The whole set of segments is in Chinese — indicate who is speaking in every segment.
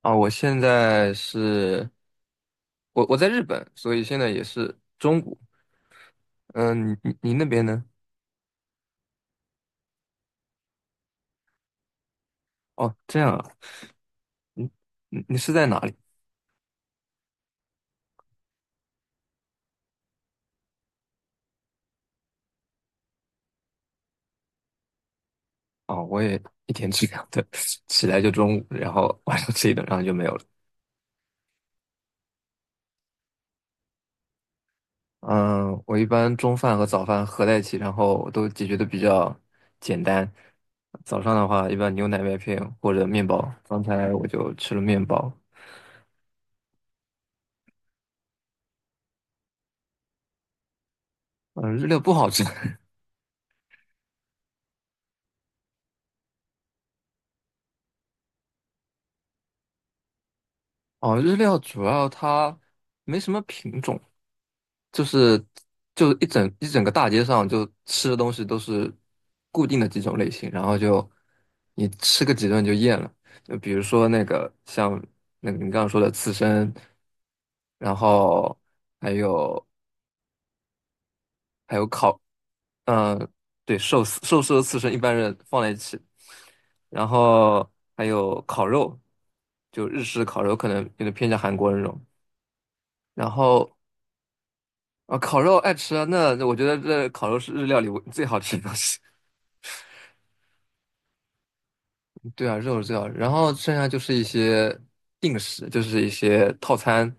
Speaker 1: 啊，我现在是，我在日本，所以现在也是中午。嗯、你那边呢？哦，这样啊，你你是在哪里？哦，我也一天吃2顿，起来就中午，然后 晚上吃一顿，然后就没有了。嗯，我一般中饭和早饭合在一起，然后都解决的比较简单。早上的话，一般牛奶麦片或者面包。刚才我就吃了面包。嗯，日料不好吃。哦，日料主要它没什么品种。就是就一整个大街上就吃的东西都是固定的几种类型，然后就你吃个几顿就厌了。就比如说那个像那个你刚刚说的刺身，然后还有还有烤，嗯、对，寿司和刺身一般人放在一起，然后还有烤肉，就日式烤肉可能有点偏向韩国那种。然后啊，烤肉爱吃啊，那我觉得这烤肉是日料里我最好吃的东西。对啊，肉是最好然后剩下就是一些定食，就是一些套餐，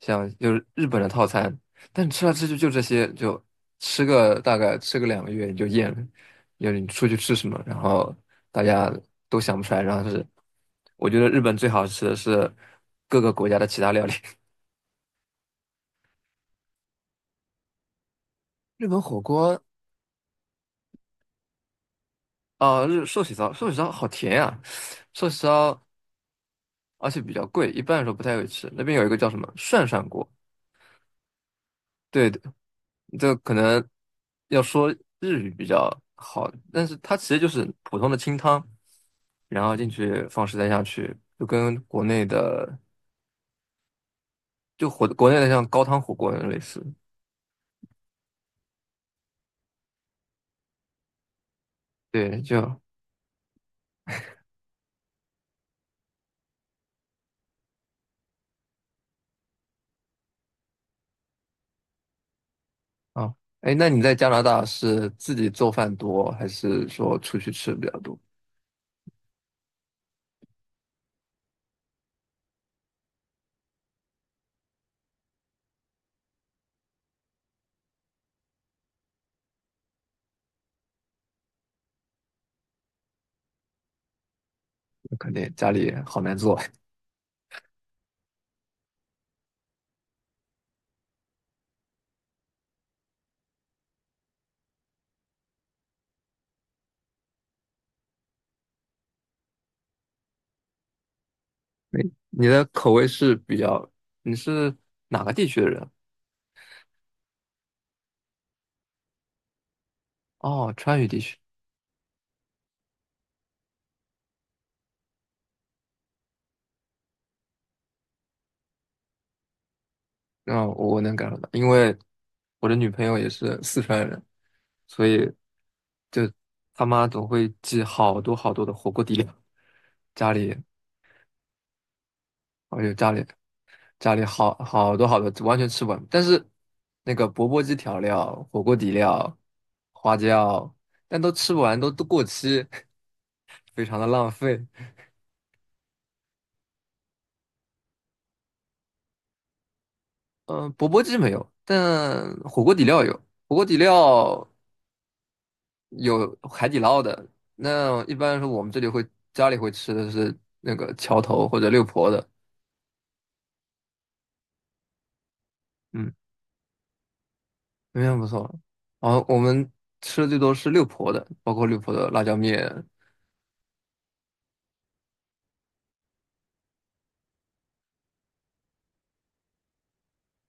Speaker 1: 像就是日本的套餐，但你吃来吃去就这些，就大概吃个2个月你就厌了。就是你出去吃什么，然后大家都想不出来，然后是我觉得日本最好吃的是各个国家的其他料理，日本火锅。啊，日寿喜烧，寿喜烧好甜呀、寿喜烧而且比较贵，一般来说不太会吃。那边有一个叫什么涮涮锅，对的，这可能要说日语比较好，但是它其实就是普通的清汤，然后进去放食材下去，就跟国内的像高汤火锅那种类似。对，啊，哎，那你在加拿大是自己做饭多，还是说出去吃比较多？那肯定家里好难做。哎，你的口味是比较，你是哪个地区的人？哦，川渝地区。嗯，我能感受到，因为我的女朋友也是四川人，所以就他妈总会寄好多好多的火锅底料，家里，而且家里好好多好多，完全吃不完。但是那个钵钵鸡调料、火锅底料、花椒，但都吃不完，都过期，非常的浪费。嗯、钵钵鸡没有，但火锅底料有。火锅底料有海底捞的。那一般来说我们这里会家里会吃的是那个桥头或者六婆的，嗯，那边不错。然后我们吃的最多是六婆的，包括六婆的辣椒面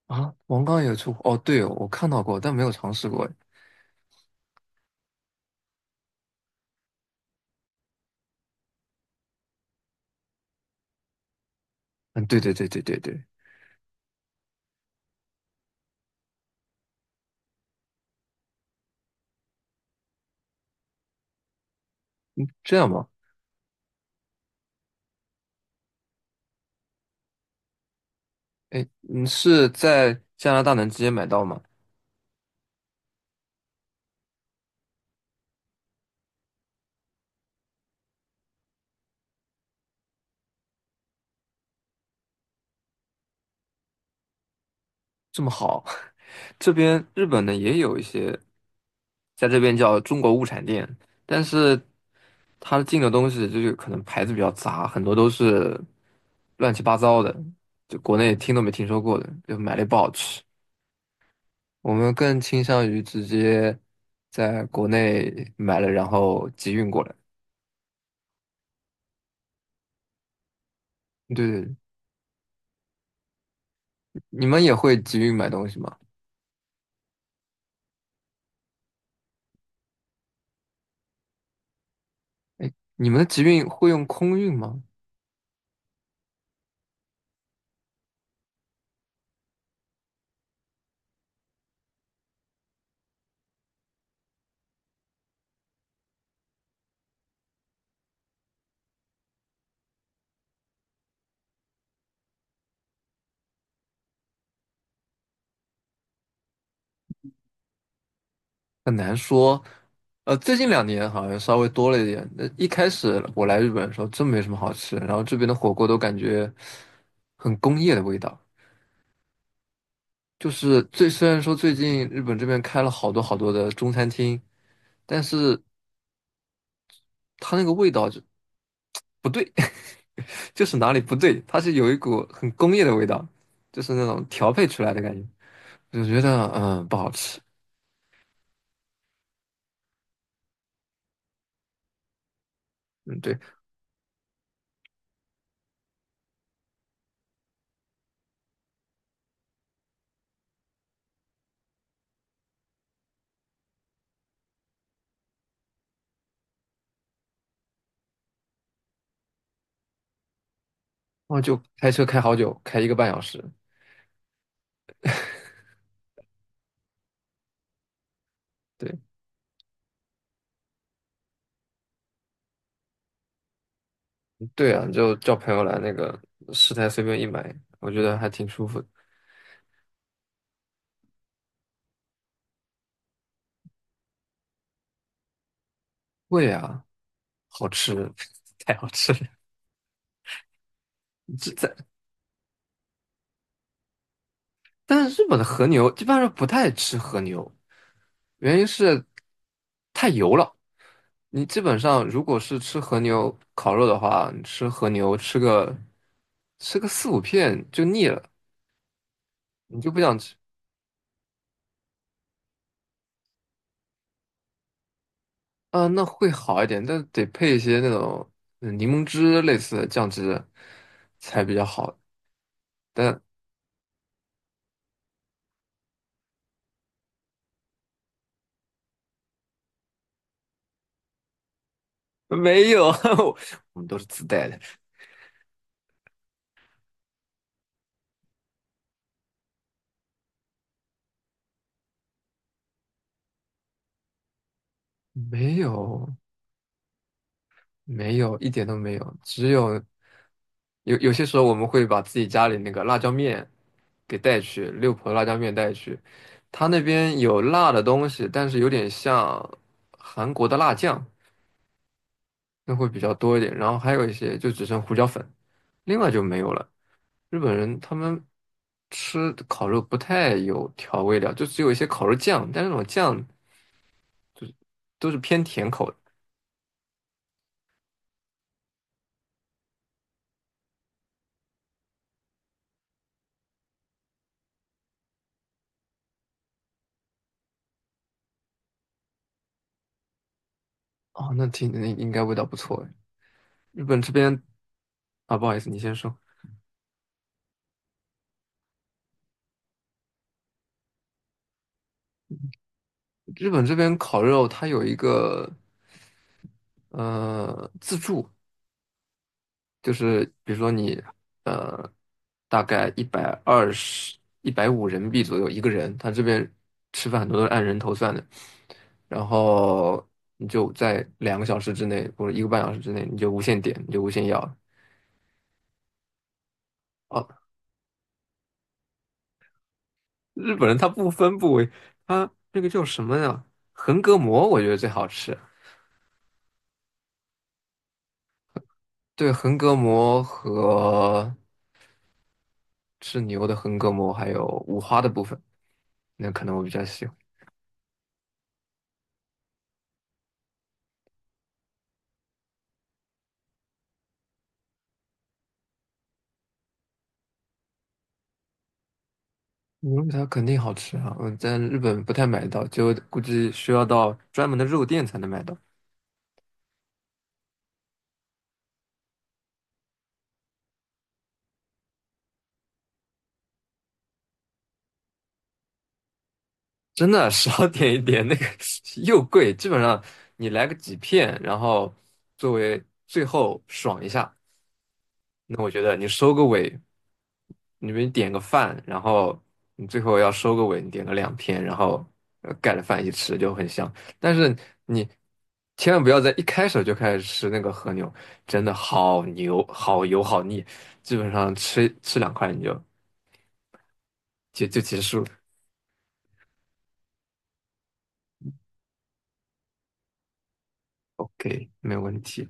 Speaker 1: 啊。王刚也出哦，对哦，我看到过，但没有尝试过。嗯，对对对对对对，这样吗？哎，你是在加拿大能直接买到吗？这么好。这边日本呢也有一些，在这边叫中国物产店，但是它进的东西就是可能牌子比较杂，很多都是乱七八糟的，就国内听都没听说过的，就买了也不好吃。我们更倾向于直接在国内买了，然后集运过来。对对，你们也会集运买东西吗？哎，你们的集运会用空运吗？很难说，最近2年好像稍微多了一点。那一开始我来日本的时候，真没什么好吃的，然后这边的火锅都感觉很工业的味道。就是最虽然说最近日本这边开了好多好多的中餐厅，但是它那个味道就不对，就是哪里不对，它是有一股很工业的味道，就是那种调配出来的感觉，我就觉得不好吃。嗯，对，然后就开车开好久，开一个半小时。对。对啊，你就叫朋友来那个食材随便一买，我觉得还挺舒服的。贵啊，好吃，太好吃了。这在，但是日本的和牛一般人不太吃和牛，原因是太油了。你基本上如果是吃和牛烤肉的话，你吃和牛吃个4、5片就腻了，你就不想吃。啊、那会好一点，但得配一些那种柠檬汁类似的酱汁才比较好。但。没有，我们都是自带的。没有，没有，一点都没有，只有有些时候我们会把自己家里那个辣椒面给带去，六婆辣椒面带去，他那边有辣的东西，但是有点像韩国的辣酱，那会比较多一点，然后还有一些就只剩胡椒粉，另外就没有了。日本人他们吃烤肉不太有调味料，就只有一些烤肉酱，但是那种酱都是偏甜口的。哦，那应该味道不错哎。日本这边啊，不好意思，你先说。日本这边烤肉它有一个自助，就是比如说你呃大概120、150人民币左右一个人，他这边吃饭很多都是按人头算的，然后你就在2个小时之内或者一个半小时之内，你就无限点，你就无限要。哦，日本人他不分部位，他那个叫什么呀？横膈膜，我觉得最好吃。对，横膈膜和牛的横膈膜，还有五花的部分，那可能我比较喜欢。牛肉它肯定好吃啊，我在日本不太买到，就估计需要到专门的肉店才能买到。真的少点一点，那个 又贵，基本上你来个几片，然后作为最后爽一下。那我觉得你收个尾，你比如点个饭，然后你最后要收个尾，你点个2片，然后盖着饭一起吃就很香。但是你千万不要在一开始就开始吃那个和牛，真的好牛、好油、好腻，基本上吃2块你就结束了。OK，没有问题。